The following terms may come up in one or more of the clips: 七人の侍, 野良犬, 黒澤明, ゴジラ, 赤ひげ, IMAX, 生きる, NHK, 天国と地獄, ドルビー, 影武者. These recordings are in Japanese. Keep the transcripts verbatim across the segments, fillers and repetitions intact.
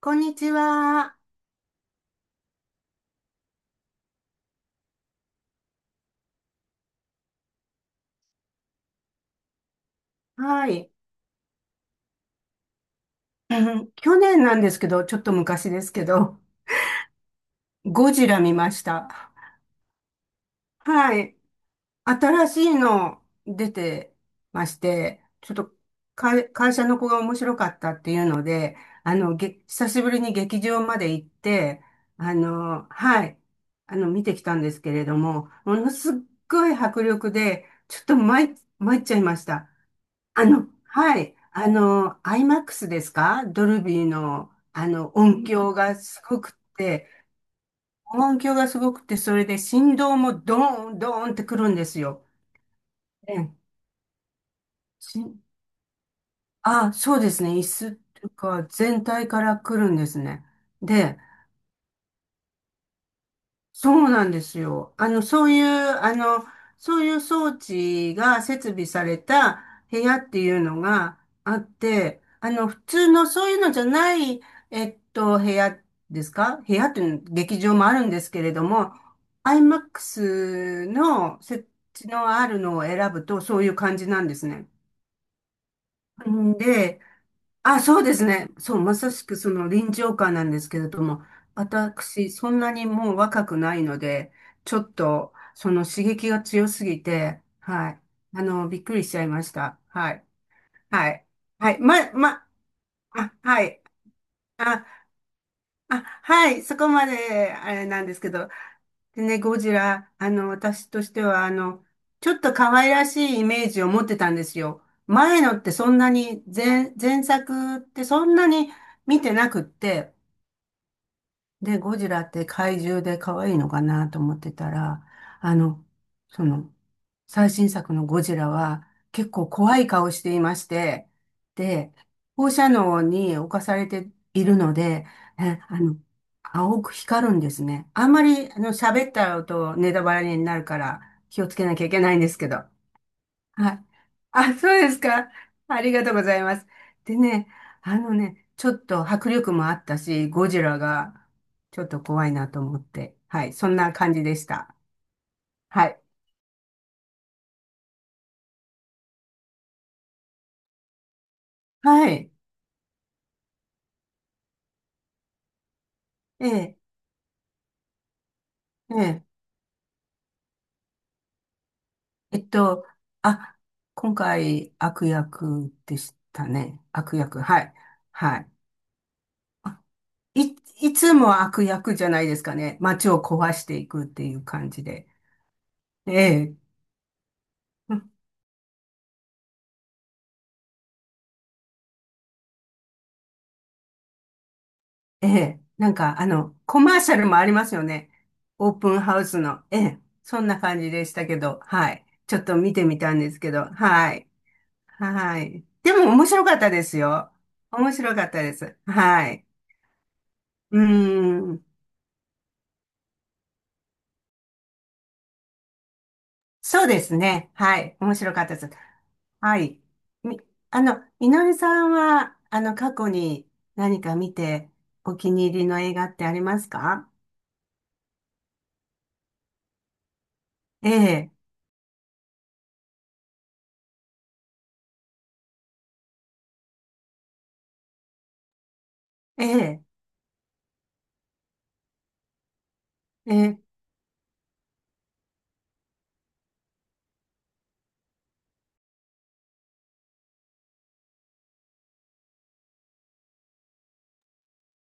こんにちは。はい。えー去年なんですけど、ちょっと昔ですけど、ゴジラ見ました。はい。新しいの出てまして、ちょっと会、会社の子が面白かったっていうので、あの、げ、久しぶりに劇場まで行って、あの、はい。あの、見てきたんですけれども、ものすっごい迫力で、ちょっと参っ、参っちゃいました。あの、はい。あの、IMAX ですか？ドルビーの、あの、音響がすごくって、音響がすごくて、それで振動もドーン、ドーンってくるんですよ。ええ。しあ、そうですね。椅子とか全体から来るんですね。で、そうなんですよ。あの、そういう、あの、そういう装置が設備された部屋っていうのがあって、あの、普通のそういうのじゃない、えっと、部屋ですか？部屋っていうの劇場もあるんですけれども、IMAX の設置のあるのを選ぶとそういう感じなんですね。んで、あ、そうですね。そう、まさしくその臨場感なんですけれども、私、そんなにもう若くないので、ちょっと、その刺激が強すぎて、はい。あの、びっくりしちゃいました。はい。はい。はい。ま、ま、あ、はい。あ、あ、はい。そこまで、あれなんですけど、でね、ゴジラ、あの、私としては、あの、ちょっと可愛らしいイメージを持ってたんですよ。前のってそんなに、前、前作ってそんなに見てなくって、で、ゴジラって怪獣で可愛いのかなと思ってたら、あの、その、最新作のゴジラは結構怖い顔していまして、で、放射能に侵されているので、え、あの、青く光るんですね。あんまり、あの、喋ったらとネタバレになるから気をつけなきゃいけないんですけど。はい。あ、そうですか。ありがとうございます。でね、あのね、ちょっと迫力もあったし、ゴジラがちょっと怖いなと思って。はい。そんな感じでした。はい。はい。ええ。えええっと、あ、今回悪役でしたね。悪役、はい。はい。い、いつも悪役じゃないですかね。街を壊していくっていう感じで。ええ、うん、ええ、なんかあの、コマーシャルもありますよね。オープンハウスの。ええ、そんな感じでしたけど、はい。ちょっと見てみたんですけど、はい。はい。でも面白かったですよ。面白かったです。はい。うーん。そうですね。はい。面白かったです。はい。み、あの、井上さんは、あの、過去に何か見てお気に入りの映画ってありますか？ええ、ええ、ええ、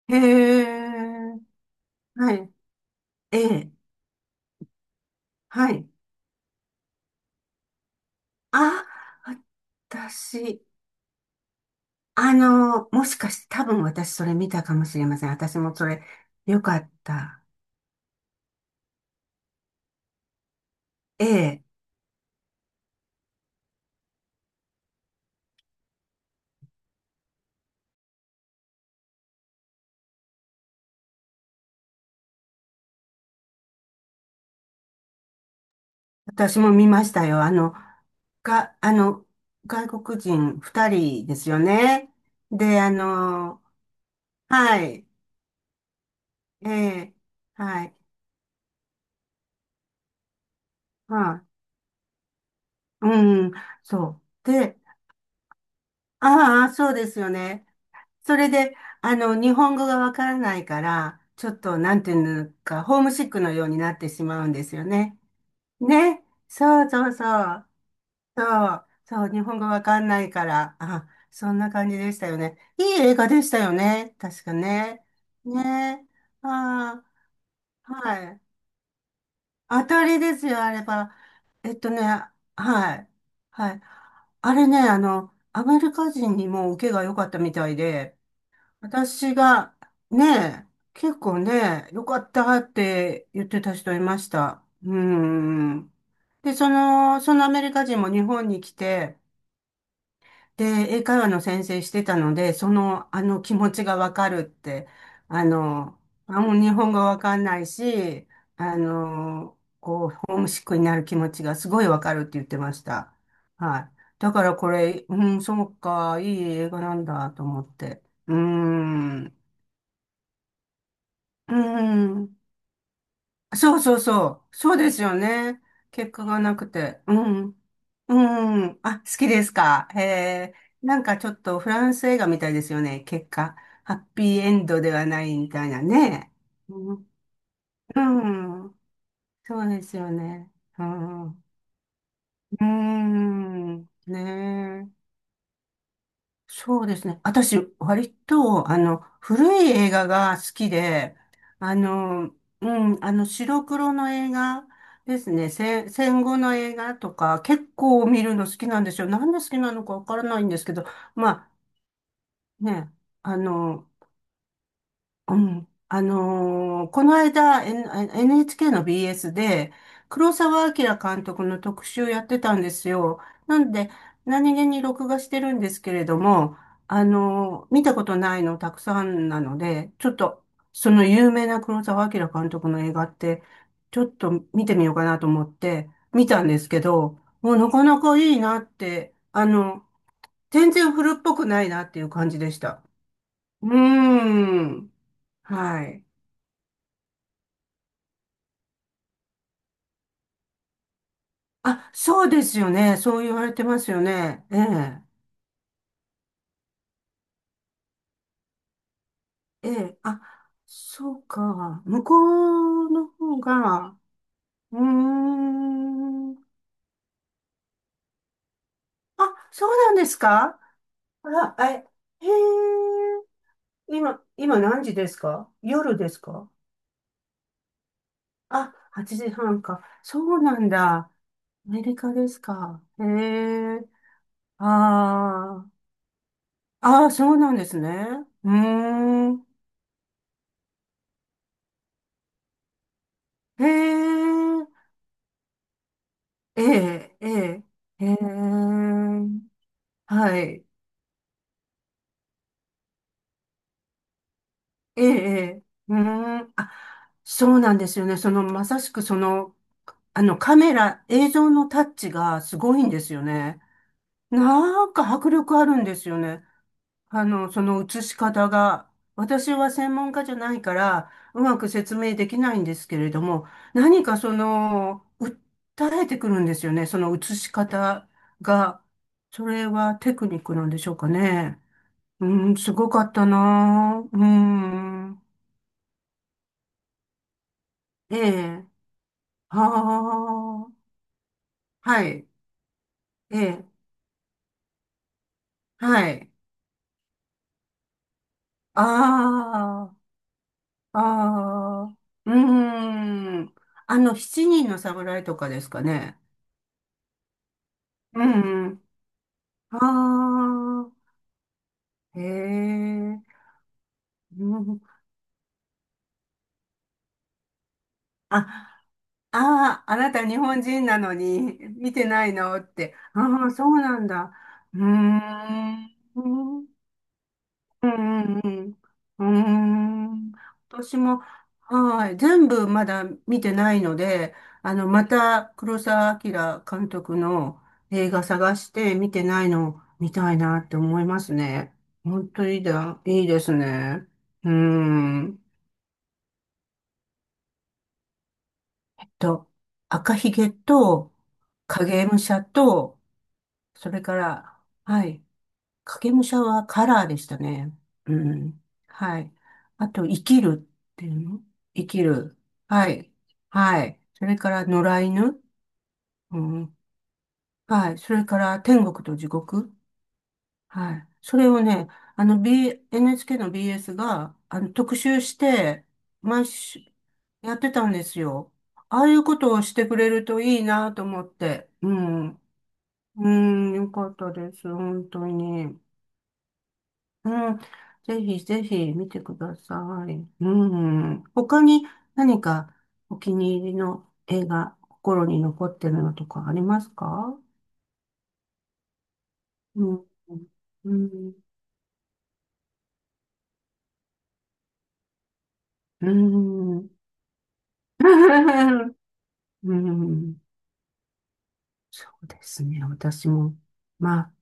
ええ、はい、ええ、はい。あ、私、あの、もしかして多分私それ見たかもしれません。私もそれ、よかった。ええ、私も見ましたよ。あの、が、あの、外国人ふたりですよね。で、あの、はい、ええ、はい、はい、うん、そう。で、ああ、そうですよね。それで、あの、日本語がわからないから、ちょっと、なんていうのか、ホームシックのようになってしまうんですよね。ね。そうそうそう。そう。そう。日本語わかんないから。あ、そんな感じでしたよね。いい映画でしたよね。確かね。ね。ああ、はい。当たりですよ、あれば。えっとね、はい。はい。あれね、あの、アメリカ人にも受けが良かったみたいで、私が、ね、結構ね、良かったって言ってた人いました。うん。で、その、そのアメリカ人も日本に来て、で、英会話の先生してたので、その、あの気持ちがわかるって、あの、あ、もう日本語わかんないし、あの、こう、ホームシックになる気持ちがすごいわかるって言ってました。はい。だからこれ、うん、そうか、いい映画なんだと思って。うーん。うーん。そうそうそう。そうですよね。結果がなくて。うん。うん。あ、好きですか？へえ。なんかちょっとフランス映画みたいですよね。結果。ハッピーエンドではないみたいなね。うん。うん、そうですよね。うん。うん。ねえ。そうですね。私、割と、あの、古い映画が好きで、あの、うん、あの、白黒の映画ですね。戦戦後の映画とか、結構見るの好きなんですよ。なんで好きなのかわからないんですけど、まあ、ね、あの、うん。あのーこの間、N- エヌエイチケー の ビーエス で、黒澤明監督の特集やってたんですよ。なんで、何気に録画してるんですけれども、あのー見たことないのたくさんなので、ちょっと、その有名な黒澤明監督の映画って、ちょっと見てみようかなと思って、見たんですけど、もうなかなかいいなって、あの、全然古っぽくないなっていう感じでした。うーん。はい。あ、そうですよね。そう言われてますよね。ええ。ええ。あ、そうか。向こうの方が、うーん。あ、そうなんですか？あら、え、へえ。今、今何時ですか？夜ですか？あ、はちじはんか。そうなんだ。アメリカですか？へえ。ああ。ああ、そうなんですね。うーん。へえ。ええ、ええ、ええ、はい、ええ、ええ、うーん、あ、そうなんですよね。その、まさしくその、あの、カメラ、映像のタッチがすごいんですよね。なんか迫力あるんですよね。あの、その映し方が。私は専門家じゃないから、うまく説明できないんですけれども、何かその、訴えてくるんですよね。その映し方が。それはテクニックなんでしょうかね。うん、すごかったなぁ。うん。ええ。はあ。はい。ええ。はい。ああ。ああ。うん。あの、しちにんの侍とかですかね。うん。ああ。へえ。うん。あ、ああ、あなた日本人なのに見てないのって。ああ、そうなんだ。うーん。うんうんうん。うーん。私も、はい、全部まだ見てないので、あの、また黒澤明監督の映画探して見てないのを見たいなって思いますね。本当にだ、いいですね。うーん。と、赤ひげと、影武者と、それから、はい。影武者はカラーでしたね。うん。はい。あと、生きるっていうの。生きる。はい。はい。それから、野良犬。うん。はい。それから、天国と地獄。はい。それをね、あの、B、エヌエイチケー の ビーエス が、あの、特集して、毎週、やってたんですよ。ああいうことをしてくれるといいなと思って。うん。うん、よかったです。本当に。うん、ぜひぜひ見てください。うん。他に何かお気に入りの映画、心に残ってるのとかありますか？うん。うん。うん。うん。うん、そうですね。私も、まあ、